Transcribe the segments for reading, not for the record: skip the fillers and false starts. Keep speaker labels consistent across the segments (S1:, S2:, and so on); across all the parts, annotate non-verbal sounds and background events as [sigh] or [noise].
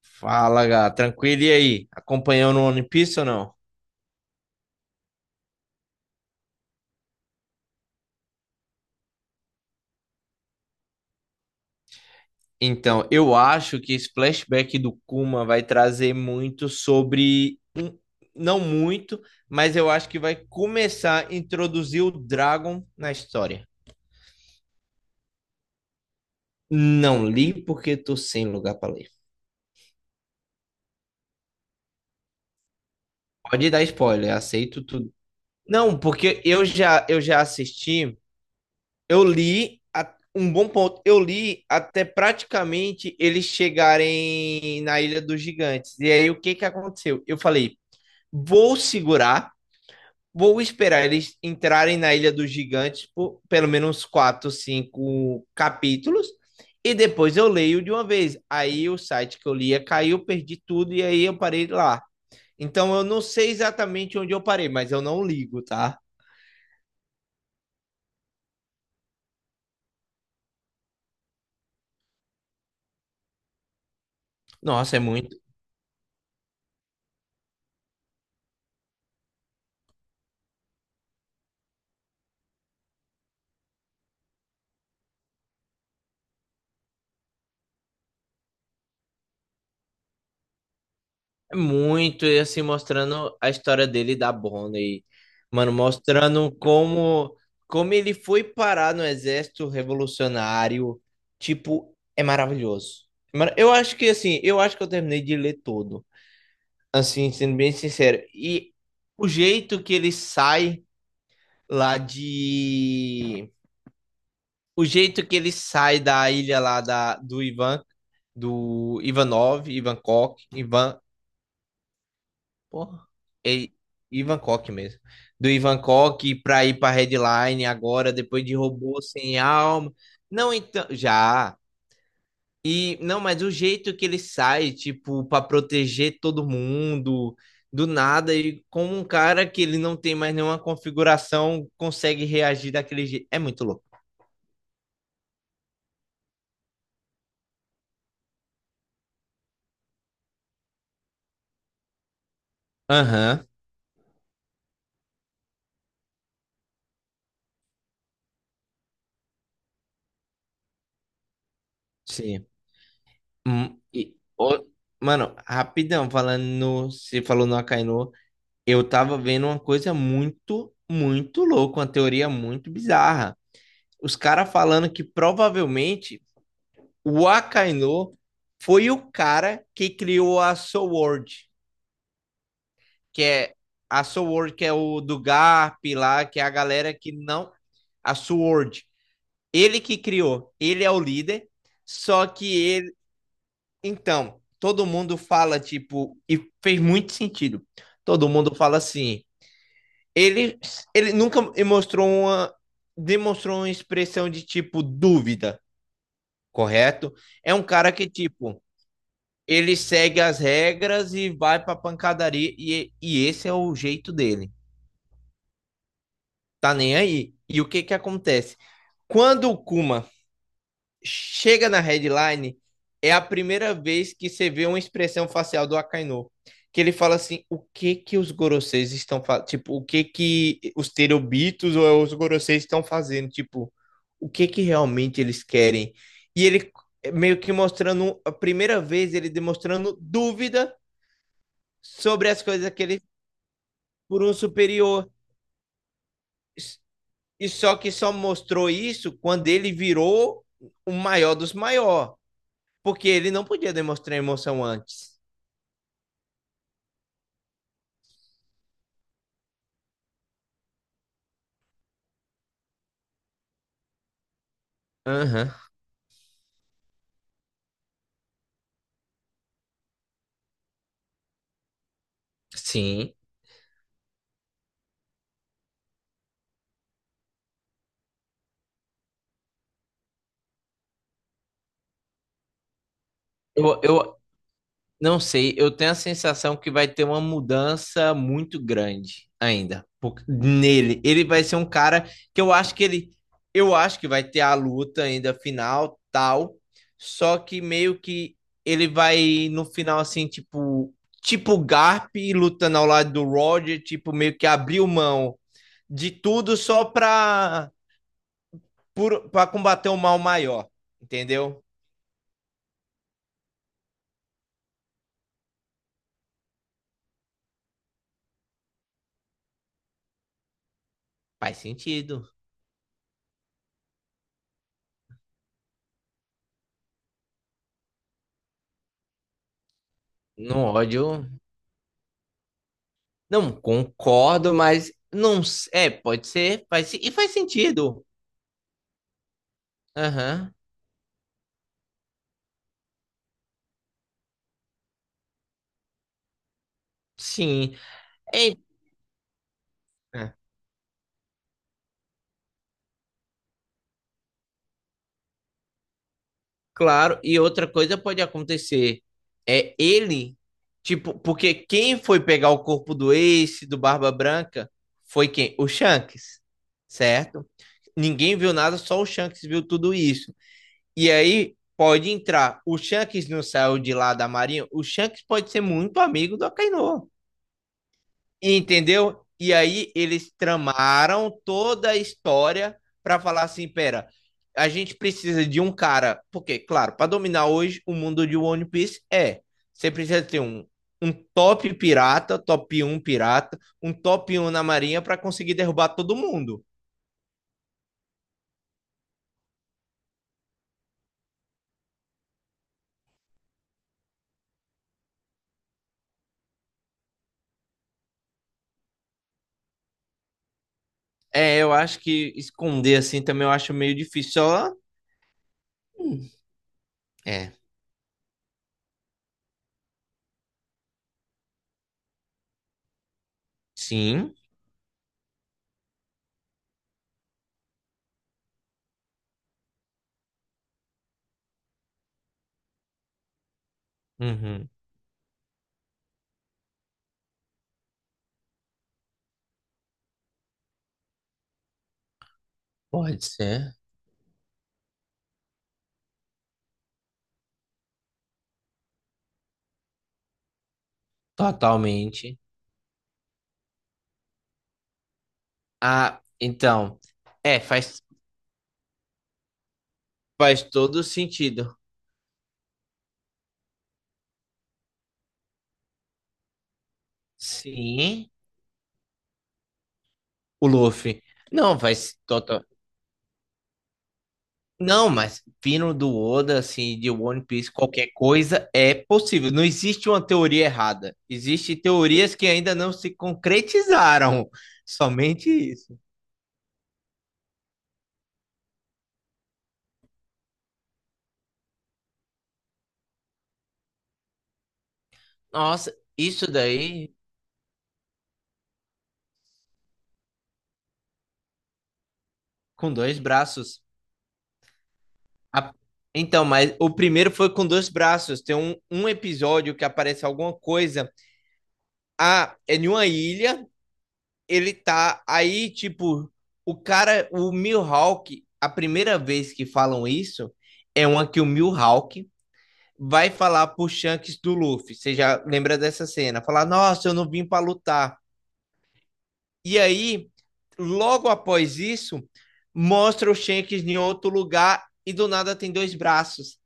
S1: Fala, Gá. Tranquilo e aí? Acompanhando o One Piece ou não? Então, eu acho que esse flashback do Kuma vai trazer muito sobre. Não muito, mas eu acho que vai começar a introduzir o Dragon na história. Não li porque tô sem lugar para ler. Pode dar spoiler, aceito tudo. Não, porque eu já assisti. Um bom ponto. Eu li até praticamente eles chegarem na Ilha dos Gigantes. E aí o que que aconteceu? Eu falei, vou segurar, vou esperar eles entrarem na Ilha dos Gigantes por pelo menos quatro, cinco capítulos. E depois eu leio de uma vez. Aí o site que eu lia caiu, perdi tudo e aí eu parei lá. Então eu não sei exatamente onde eu parei, mas eu não ligo, tá? Nossa, é muito. Muito, e assim, mostrando a história dele e da Bonnie. Mano, mostrando como ele foi parar no exército revolucionário. Tipo, é maravilhoso. Mano, eu acho que, assim, eu acho que eu terminei de ler todo. Assim, sendo bem sincero. E o jeito que ele sai lá de... O jeito que ele sai da ilha lá do Ivan, do Ivanov, Ivankov, Ivan, porra. E, Ivan Koch mesmo. Do Ivan Koch pra ir pra Redline agora, depois de Robô Sem Alma. Não, então. Já. E, não, mas o jeito que ele sai, tipo, pra proteger todo mundo, do nada, e como um cara que ele não tem mais nenhuma configuração, consegue reagir daquele jeito. É muito louco. Aham, sim. E, ô, mano, rapidão, falando no. Você falou no Akainu. Eu tava vendo uma coisa muito, muito louca, uma teoria muito bizarra. Os caras falando que provavelmente o Akainu foi o cara que criou a Sword, que é a Sword, que é o do Garp lá, que é a galera que não. A Sword. Ele que criou, ele é o líder, só que ele. Então, todo mundo fala, tipo, e fez muito sentido. Todo mundo fala assim. Ele, ele nunca mostrou demonstrou uma expressão de tipo dúvida, correto? É um cara que, tipo, ele segue as regras e vai pra pancadaria, e esse é o jeito dele. Tá nem aí. E o que que acontece? Quando o Kuma chega na headline, é a primeira vez que você vê uma expressão facial do Akainu. Que ele fala assim: o que que os Goroseis estão fazendo? Tipo, o que que os Terobitos ou os Goroseis estão fazendo? Tipo, o que que realmente eles querem? E ele meio que mostrando, a primeira vez, ele demonstrando dúvida sobre as coisas que ele por um superior. E só que só mostrou isso quando ele virou o maior dos maiores. Porque ele não podia demonstrar emoção antes. Aham, sim. Eu não sei, eu tenho a sensação que vai ter uma mudança muito grande ainda nele. Ele vai ser um cara que eu acho que ele, eu acho que vai ter a luta ainda final, tal, só que meio que ele vai no final assim, tipo, tipo o Garp lutando ao lado do Roger, tipo meio que abriu mão de tudo só pra para combater um mal maior, entendeu? Faz sentido. No ódio, não concordo, mas não é, pode ser, faz sentido. Aham. Sim. É, é, claro, e outra coisa pode acontecer é ele, tipo, porque quem foi pegar o corpo do Ace, do Barba Branca, foi quem? O Shanks, certo? Ninguém viu nada, só o Shanks viu tudo isso. E aí pode entrar. O Shanks não saiu de lá da Marinha. O Shanks pode ser muito amigo do Akainu. Entendeu? E aí eles tramaram toda a história para falar assim, pera, a gente precisa de um cara, porque, claro, para dominar hoje o mundo de One Piece é, você precisa ter um, um top pirata, top um pirata, um top um na marinha para conseguir derrubar todo mundo. É, eu acho que esconder assim também eu acho meio difícil. Só, hum, é, sim, uhum, pode ser, totalmente. Ah, então, é, faz, faz todo sentido. Sim, o Luffy. Não, faz total. Não, mas vindo do Oda, assim, de One Piece, qualquer coisa é possível. Não existe uma teoria errada. Existem teorias que ainda não se concretizaram. [laughs] Somente isso. Nossa, isso daí com dois braços. A- Então, mas o primeiro foi com dois braços. Tem um episódio que aparece alguma coisa. Ah, é em uma ilha. Ele tá aí, tipo, o cara, o Mihawk, a primeira vez que falam isso é uma que o Mihawk vai falar pro Shanks do Luffy. Você já lembra dessa cena? Falar, nossa, eu não vim pra lutar. E aí, logo após isso, mostra o Shanks em outro lugar e do nada tem dois braços.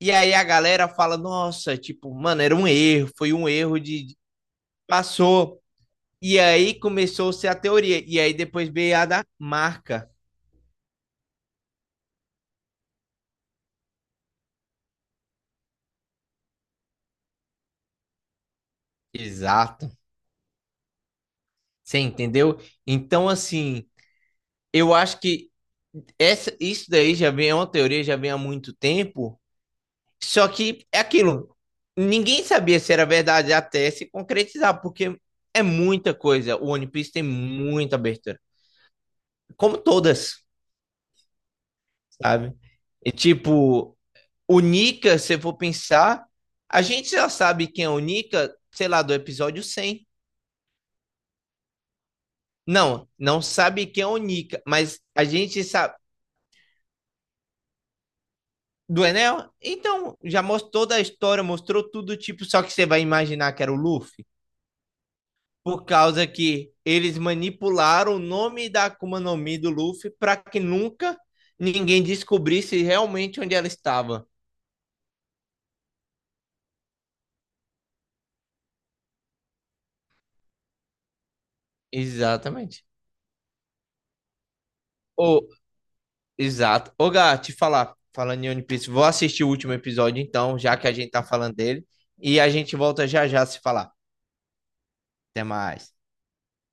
S1: E aí a galera fala, nossa, tipo, mano, era um erro, foi um erro passou. E aí começou-se a teoria. E aí depois veio a da marca. Exato. Você entendeu? Então, assim, eu acho que essa, isso daí já vem, é uma teoria, já vem há muito tempo. Só que é aquilo. Ninguém sabia se era verdade até se concretizar, porque é muita coisa. O One Piece tem muita abertura. Como todas, sabe? E tipo. O Nika, se eu for pensar, a gente já sabe quem é o Nika, sei lá, do episódio 100. Não, não sabe quem é o Nika, mas a gente sabe. Do Enel? Então, já mostrou toda a história, mostrou tudo, tipo, só que você vai imaginar que era o Luffy? Por causa que eles manipularam o nome da Akuma no Mi do Luffy para que nunca ninguém descobrisse realmente onde ela estava. Exatamente. Ô, exato. Ô, Gá, te falar, falando em One Piece, vou assistir o último episódio então, já que a gente tá falando dele, e a gente volta já já a se falar. Até mais.